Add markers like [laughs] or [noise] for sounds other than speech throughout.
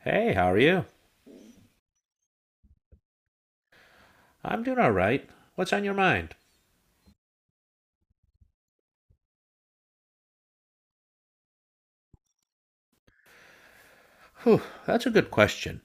Hey, how are you? I'm doing all right. What's on your mind? Whew, that's a good question.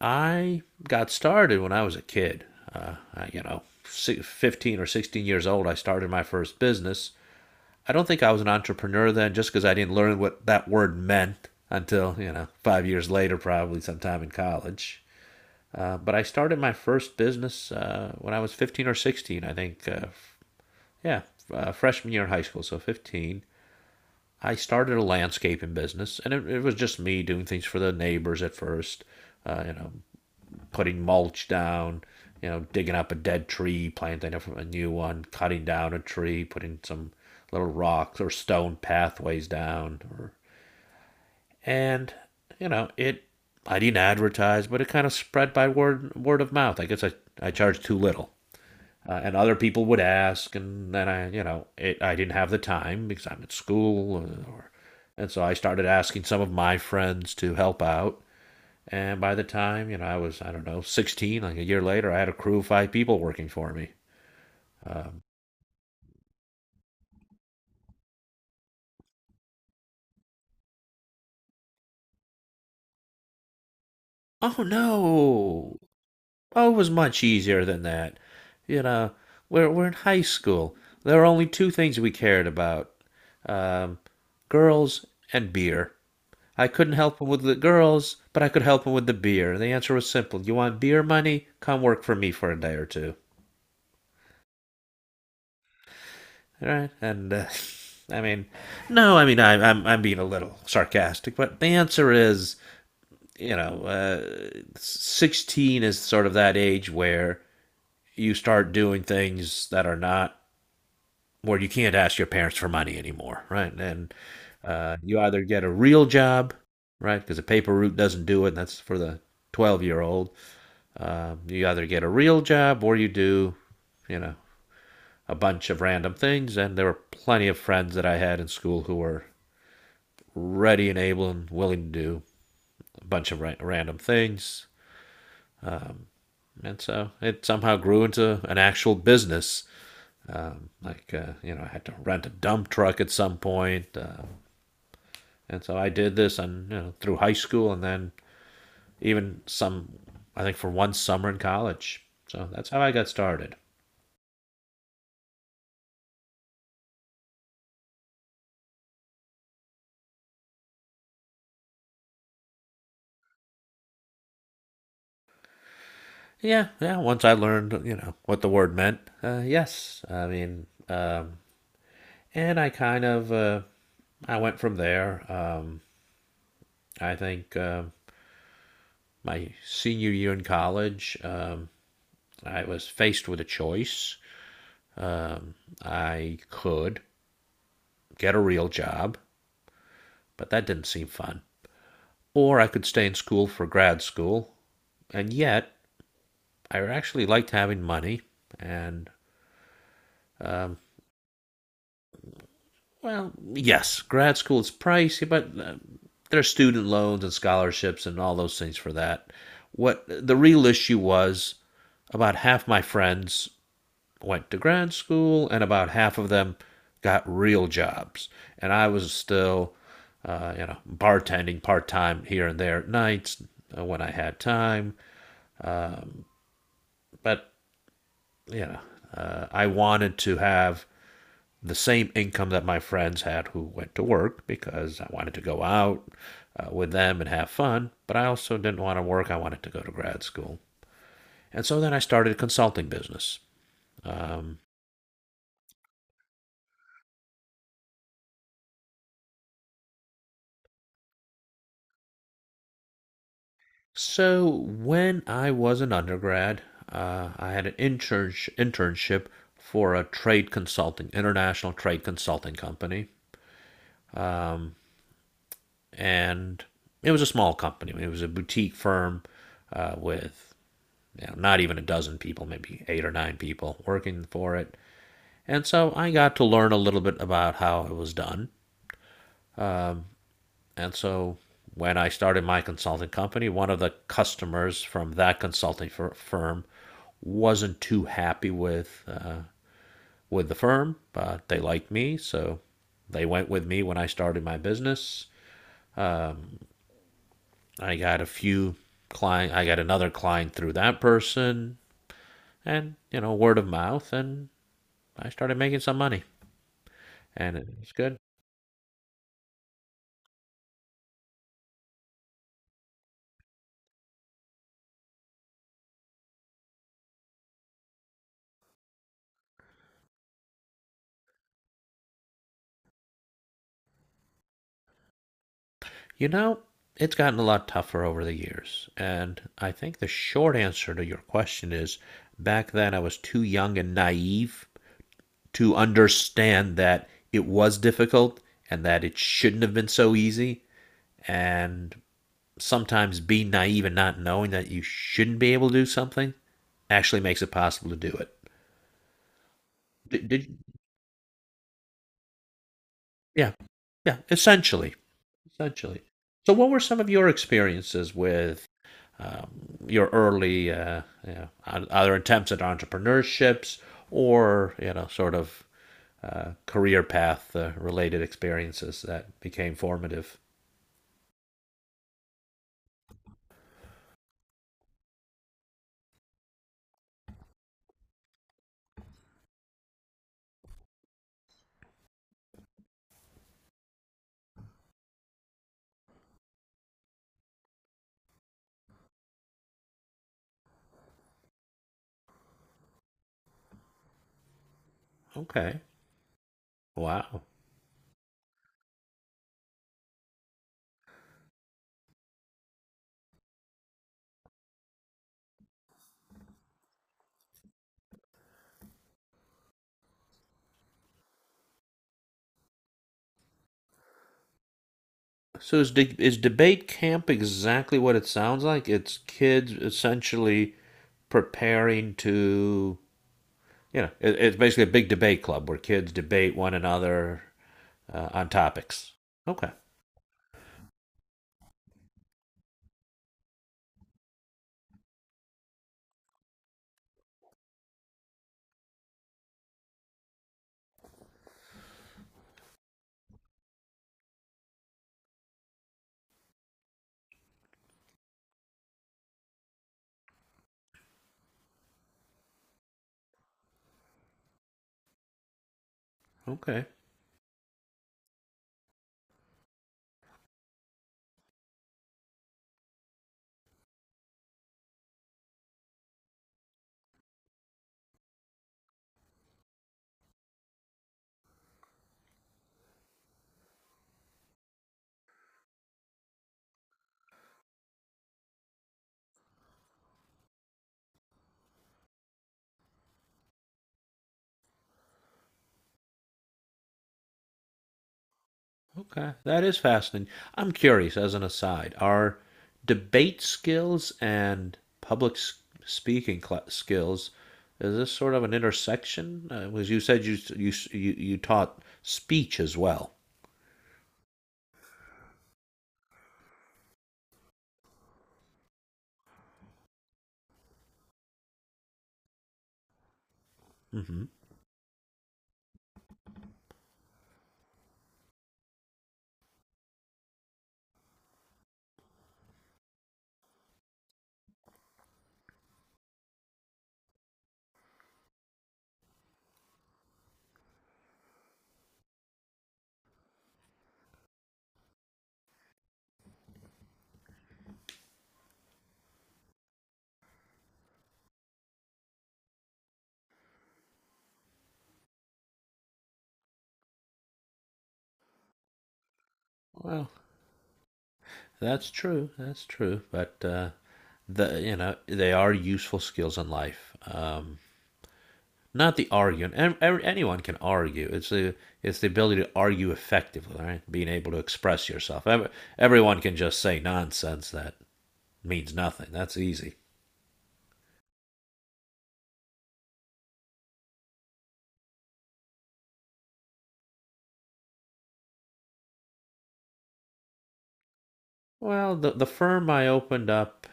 I got started when I was a kid. I, you know, si- 15 or 16 years old, I started my first business. I don't think I was an entrepreneur then just because I didn't learn what that word meant until 5 years later, probably sometime in college. But I started my first business when I was 15 or 16, I think. Yeah, freshman year in high school, so 15. I started a landscaping business, and it was just me doing things for the neighbors at first. Uh, you know, Putting mulch down, digging up a dead tree, planting a new one, cutting down a tree, putting some little rocks or stone pathways down, or and you know it. I didn't advertise, but it kind of spread by word of mouth. I guess I charged too little. And other people would ask, and then I, you know, it, I didn't have the time because I'm at school, and so I started asking some of my friends to help out. And by the time I was, I don't know, 16, like a year later, I had a crew of five people working for me. Oh no! Oh, it was much easier than that. You know, we're in high school. There were only two things we cared about: um, girls and beer. I couldn't help him with the girls, but I could help him with the beer. The answer was simple. You want beer money? Come work for me for a day or two. All right? And [laughs] I mean, no, I mean, I'm being a little sarcastic, but the answer is, 16 is sort of that age where you start doing things that are not, where you can't ask your parents for money anymore, right? And you either get a real job, right? Because a paper route doesn't do it. And that's for the 12-year-old. You either get a real job or you do, you know, a bunch of random things. And there were plenty of friends that I had in school who were ready and able and willing to do a bunch of random things. And so it somehow grew into an actual business. I had to rent a dump truck at some point. And so I did this through high school and then even some, I think for one summer in college. So that's how I got started. Yeah, yeah. Once I learned what the word meant, yes. I mean, and I kind of I went from there. I think my senior year in college, I was faced with a choice. Um, I could get a real job, but that didn't seem fun, or I could stay in school for grad school, and yet I actually liked having money, and um, Well, yes, grad school is pricey, but there are student loans and scholarships and all those things for that. What the real issue was, about half my friends went to grad school and about half of them got real jobs. And I was still bartending part time here and there at nights when I had time. Um, but, you know, I wanted to have the same income that my friends had who went to work because I wanted to go out with them and have fun, but I also didn't want to work. I wanted to go to grad school. And so then I started a consulting business. Um, so when I was an undergrad, I had an internship for a international trade consulting company. And it was a small company. It was a boutique firm with not even a dozen people, maybe eight or nine people working for it. And so I got to learn a little bit about how it was done. And so when I started my consulting company, one of the customers from that consulting firm wasn't too happy with the firm, but they liked me, so they went with me when I started my business. Um, I got a few I got another client through that person, and word of mouth, and I started making some money. And it was good. You know, it's gotten a lot tougher over the years, and I think the short answer to your question is back then I was too young and naive to understand that it was difficult and that it shouldn't have been so easy, and sometimes being naive and not knowing that you shouldn't be able to do something actually makes it possible to do it. Did Yeah, yeah, essentially. Essentially. So, what were some of your experiences with um, your early other attempts at entrepreneurships or sort of career path related experiences that became formative? Okay, wow. So is debate camp exactly what it sounds like? It's kids essentially preparing to, it's basically a big debate club where kids debate one another on topics. Okay. Okay. Okay. That is fascinating. I'm curious, as an aside, are debate skills and public speaking cla skills, is this sort of an intersection? As you said, you taught speech as well. hmm Well, that's true. That's true. But they are useful skills in life. Not the arguing. Anyone can argue. It's the ability to argue effectively, right? Being able to express yourself. Everyone can just say nonsense that means nothing. That's easy. Well, the firm I opened up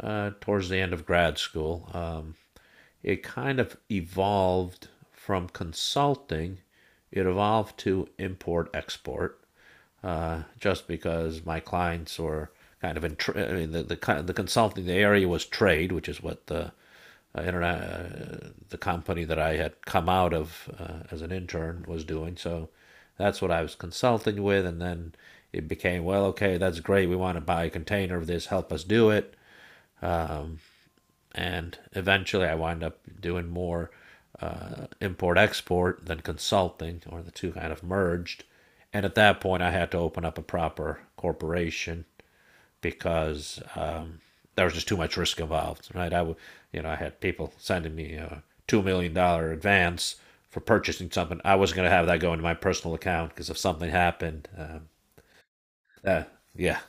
towards the end of grad school. It kind of evolved from consulting, it evolved to import export, just because my clients were kind of I mean, the area was trade, which is what the company that I had come out of as an intern was doing. So that's what I was consulting with, and then it became, well, okay, that's great. We want to buy a container of this. Help us do it, and eventually I wind up doing more import export than consulting, or the two kind of merged. And at that point, I had to open up a proper corporation because there was just too much risk involved, right? I would, you know, I had people sending me a $2 million advance for purchasing something. I wasn't going to have that go into my personal account because if something happened, uh, yeah.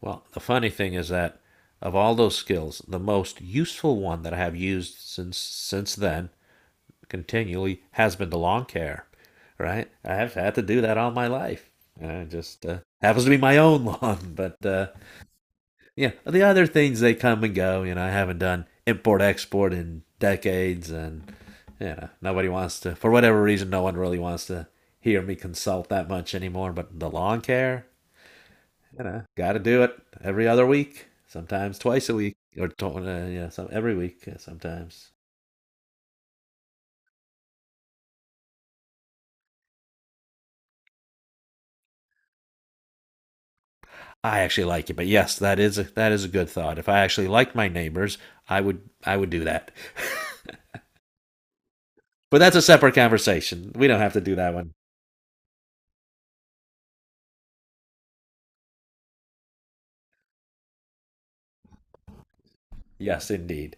Well, the funny thing is that of all those skills, the most useful one that I have used since then continually has been the lawn care. Right? I have had to do that all my life. And I just happens to be my own lawn, [laughs] but yeah, the other things they come and go. I haven't done import export in decades, and nobody wants to for whatever reason. No one really wants to hear me consult that much anymore. But the lawn care, got to do it every other week, sometimes twice a week, or yeah, some every week sometimes. I actually like it, but yes, that is a good thought. If I actually liked my neighbors, I would do that. [laughs] But that's a separate conversation. We don't have to do that one. Yes, indeed.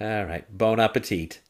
All right. Bon appetit.